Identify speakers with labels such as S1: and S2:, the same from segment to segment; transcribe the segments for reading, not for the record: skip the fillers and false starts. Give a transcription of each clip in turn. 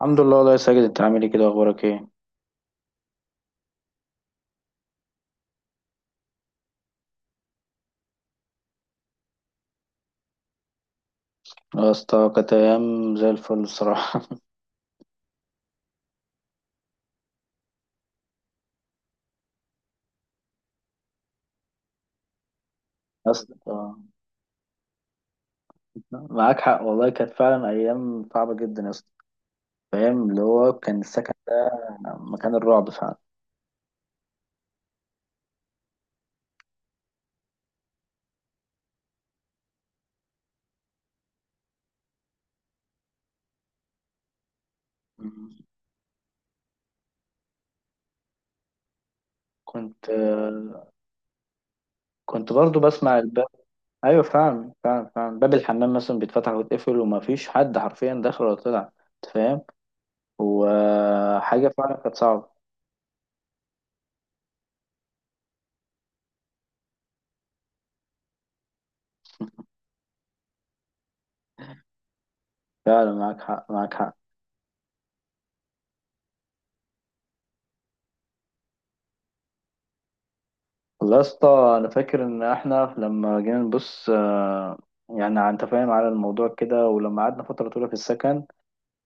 S1: الحمد لله والله يا ساجد، انت عامل ايه كده؟ اخبارك ايه؟ يا اسطى كانت ايام زي الفل الصراحه. يا اسطى معاك حق والله، كانت فعلا ايام صعبه جدا يا اسطى. فاهم اللي هو كان السكن مكان الرعب فعلا. مم. كنت كنت برضو بسمع الباب. ايوه فعلا فعلا فعلا، باب الحمام مثلا بيتفتح ويتقفل وما فيش حد حرفيا داخل ولا طلع، انت فاهم، وحاجه فعلا كانت صعبه. فعلا معاك حق معاك حق. والله يا اسطى انا فاكر ان احنا لما جينا نبص، يعني انت فاهم على الموضوع كده، ولما قعدنا فتره طويله في السكن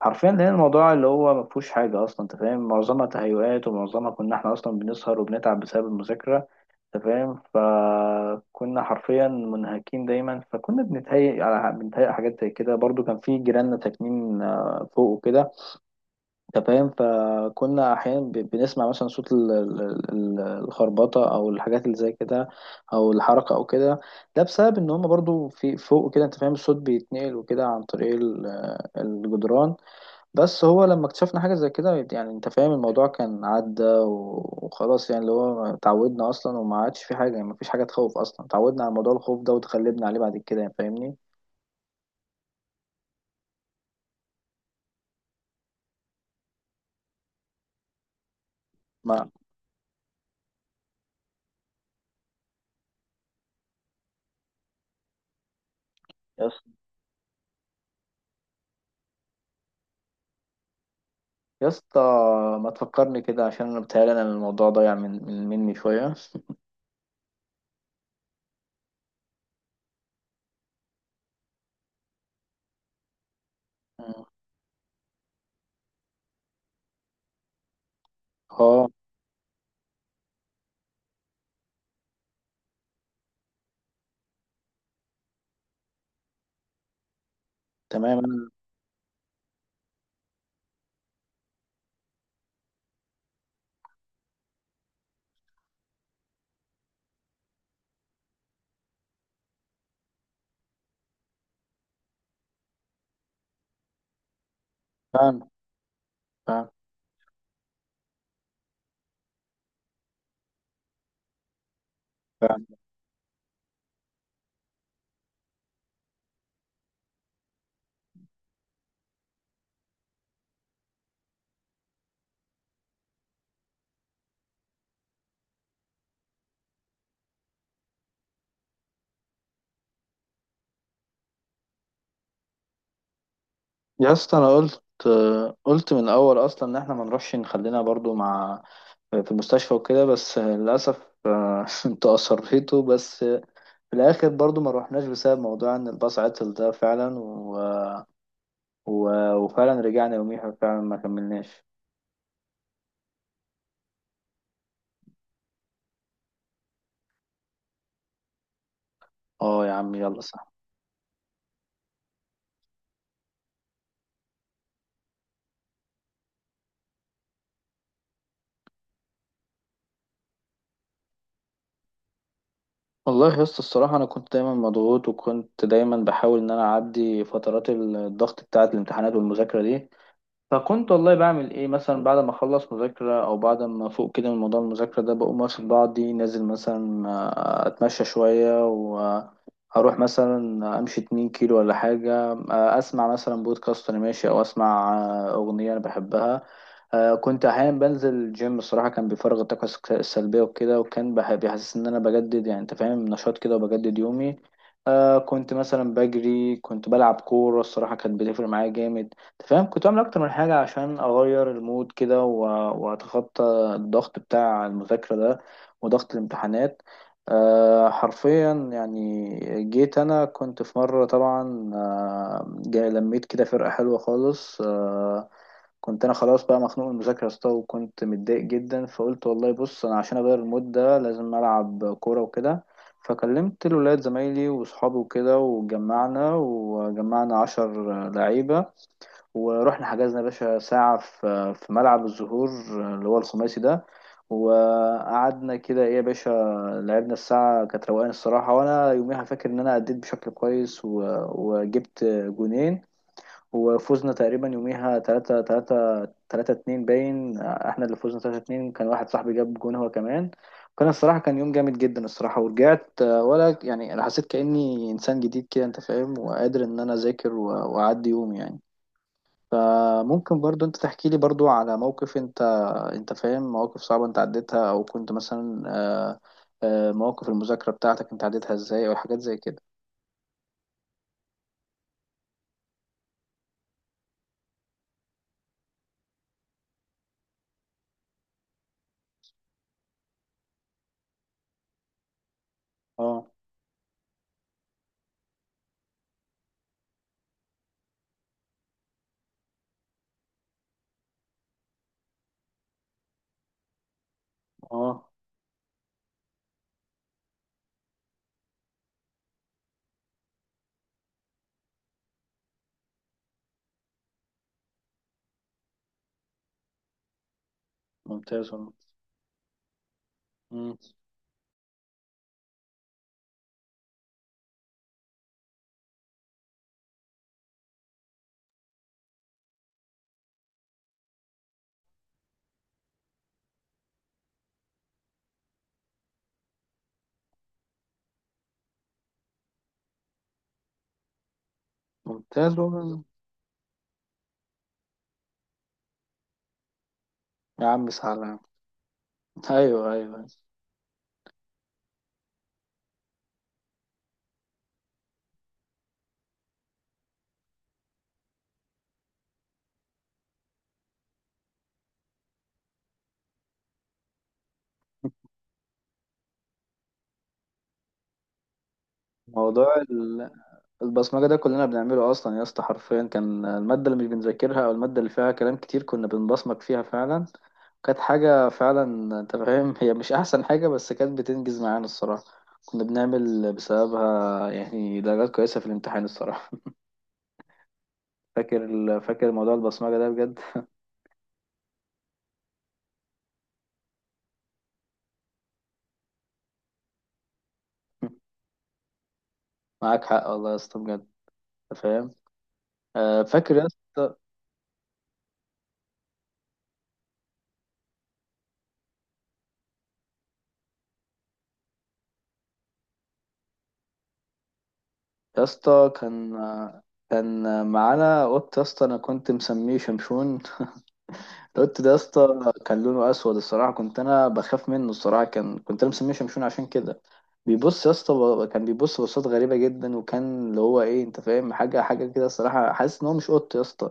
S1: حرفيا لقينا الموضوع اللي هو ما فيهوش حاجه اصلا. انت فاهم، معظمها تهيؤات، ومعظمها كنا احنا اصلا بنسهر وبنتعب بسبب المذاكره. انت فاهم، فكنا حرفيا منهكين دايما، فكنا بنتهيئ حاجات زي كده. برضو كان في جيراننا ساكنين فوق وكده، انت فاهم، فكنا احيانا بنسمع مثلا صوت الخربطه، او الحاجات اللي زي كده، او الحركه او كده. ده بسبب ان هم برضو في فوق كده، انت فاهم، الصوت بيتنقل وكده عن طريق الجدران. بس هو لما اكتشفنا حاجه زي كده، يعني انت فاهم الموضوع كان عدى وخلاص. يعني اللي هو اتعودنا اصلا وما عادش في حاجه، يعني ما فيش حاجه تخوف اصلا، اتعودنا على موضوع الخوف ده وتغلبنا عليه بعد كده يعني، فاهمني؟ ما يا اسطى، ما تفكرني كده عشان انا بتهيألي انا الموضوع ضايع من من مني شويه. مم. اه، تمام. انا فاهم فاهم فاهم. يا اسطى انا قلت من الاول اصلا ان احنا ما نروحش، نخلينا برضو مع في المستشفى وكده، بس للاسف، انت اصريتوا، بس في الاخر برضو ما روحناش بسبب موضوع ان الباص عطل ده فعلا، وفعلا رجعنا يوميها، فعلا ما كملناش. اه يا عم، يلا صح. والله يا اسطى الصراحة، أنا كنت دايما مضغوط وكنت دايما بحاول إن أنا أعدي فترات الضغط بتاعة الامتحانات والمذاكرة دي. فكنت والله بعمل ايه؟ مثلا بعد ما اخلص مذاكرة او بعد ما افوق كده من موضوع المذاكرة ده، بقوم واخد بعضي نازل، مثلا، اتمشى شوية واروح مثلا امشي 2 كيلو ولا حاجة، اسمع مثلا بودكاست وانا ماشي، او اسمع، اغنية انا بحبها. كنت احيانا بنزل الجيم، الصراحة كان بيفرغ الطاقة السلبية وكده، وكان بيحسس ان انا بجدد يعني، انت فاهم، نشاط كده، وبجدد يومي. كنت مثلا بجري، كنت بلعب كورة، الصراحة كانت بتفرق معايا جامد. أنت فاهم، كنت بعمل اكتر من حاجه عشان اغير المود كده واتخطى الضغط بتاع المذاكره ده، وضغط الامتحانات. حرفيا يعني، جيت انا كنت في مره طبعا، جاي لميت كده فرقه حلوه خالص. كنت انا خلاص بقى مخنوق من المذاكره يا اسطى، وكنت متضايق جدا، فقلت والله بص، انا عشان اغير المود ده لازم العب كوره وكده. فكلمت الولاد زمايلي وصحابي وكده، وجمعنا عشر لعيبه، ورحنا حجزنا يا باشا ساعة في ملعب الزهور، اللي هو الخماسي ده، وقعدنا كده ايه يا باشا، لعبنا. الساعة كانت روقان الصراحة، وانا يوميها فاكر ان انا أديت بشكل كويس، وجبت جونين، وفوزنا تقريبا يوميها تلاتة اتنين. باين احنا اللي فوزنا تلاتة اتنين، كان واحد صاحبي جاب جون هو كمان. كان الصراحة، كان يوم جامد جدا الصراحة، ورجعت، ولا يعني، أنا حسيت كأني إنسان جديد كده، أنت فاهم، وقادر إن أنا أذاكر وأعدي يومي يعني. فممكن برضو انت تحكي لي برضو على موقف، انت انت فاهم، مواقف صعبة انت عديتها، او كنت مثلا، مواقف المذاكرة بتاعتك انت عديتها ازاي، او حاجات زي كده. اه اه ممتاز والله. مم، ممتاز والله. يا عم سلام. ايوه ايوه. موضوع البصمجة ده كلنا بنعمله أصلا يا اسطى، حرفيا كان المادة اللي مش بنذاكرها، أو المادة اللي فيها كلام كتير كنا بنبصمج فيها فعلا. كانت حاجة فعلا، أنت فاهم، هي مش أحسن حاجة، بس كانت بتنجز معانا الصراحة. كنا بنعمل بسببها يعني درجات كويسة في الامتحان الصراحة. فاكر فاكر موضوع البصمجة ده بجد. معاك حق والله يا اسطى بجد. أنت فاهم. فاكر يا اسطى. يا اسطى كان معانا قط يا اسطى، انا كنت مسميه شمشون. القط ده يا اسطى كان لونه اسود الصراحه، كنت انا بخاف منه الصراحه، كنت انا مسميه شمشون عشان كده. بيبص يا اسطى، كان بيبص بصات غريبه جدا، وكان اللي هو ايه، انت فاهم، حاجه حاجه كده الصراحه، حاسس ان هو مش قط يا اسطى.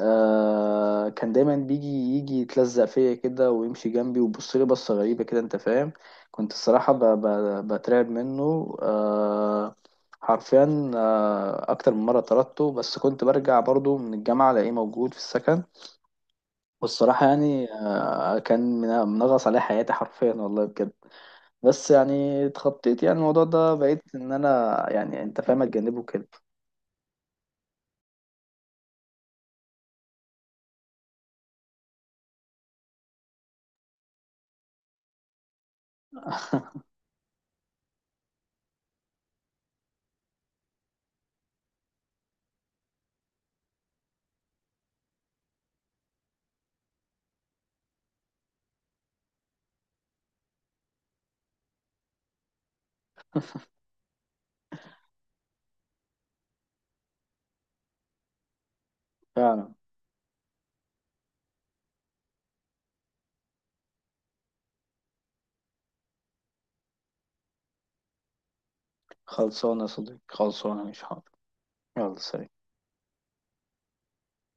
S1: آه، كان دايما يجي يتلزق فيا كده، ويمشي جنبي، ويبص لي بصه غريبه كده، انت فاهم. كنت الصراحه بترعب منه. حرفيا، اكتر من مره طردته، بس كنت برجع برضو من الجامعه الاقيه موجود في السكن. والصراحة يعني، كان منغص عليه حياتي حرفيا والله بجد. بس يعني اتخطيت يعني الموضوع ده، بقيت ان انا يعني، انت فاهم، اتجنبه كده. فعلا. خلصانة يا صديقي، خلصانة مش حاضر. يلا سلام.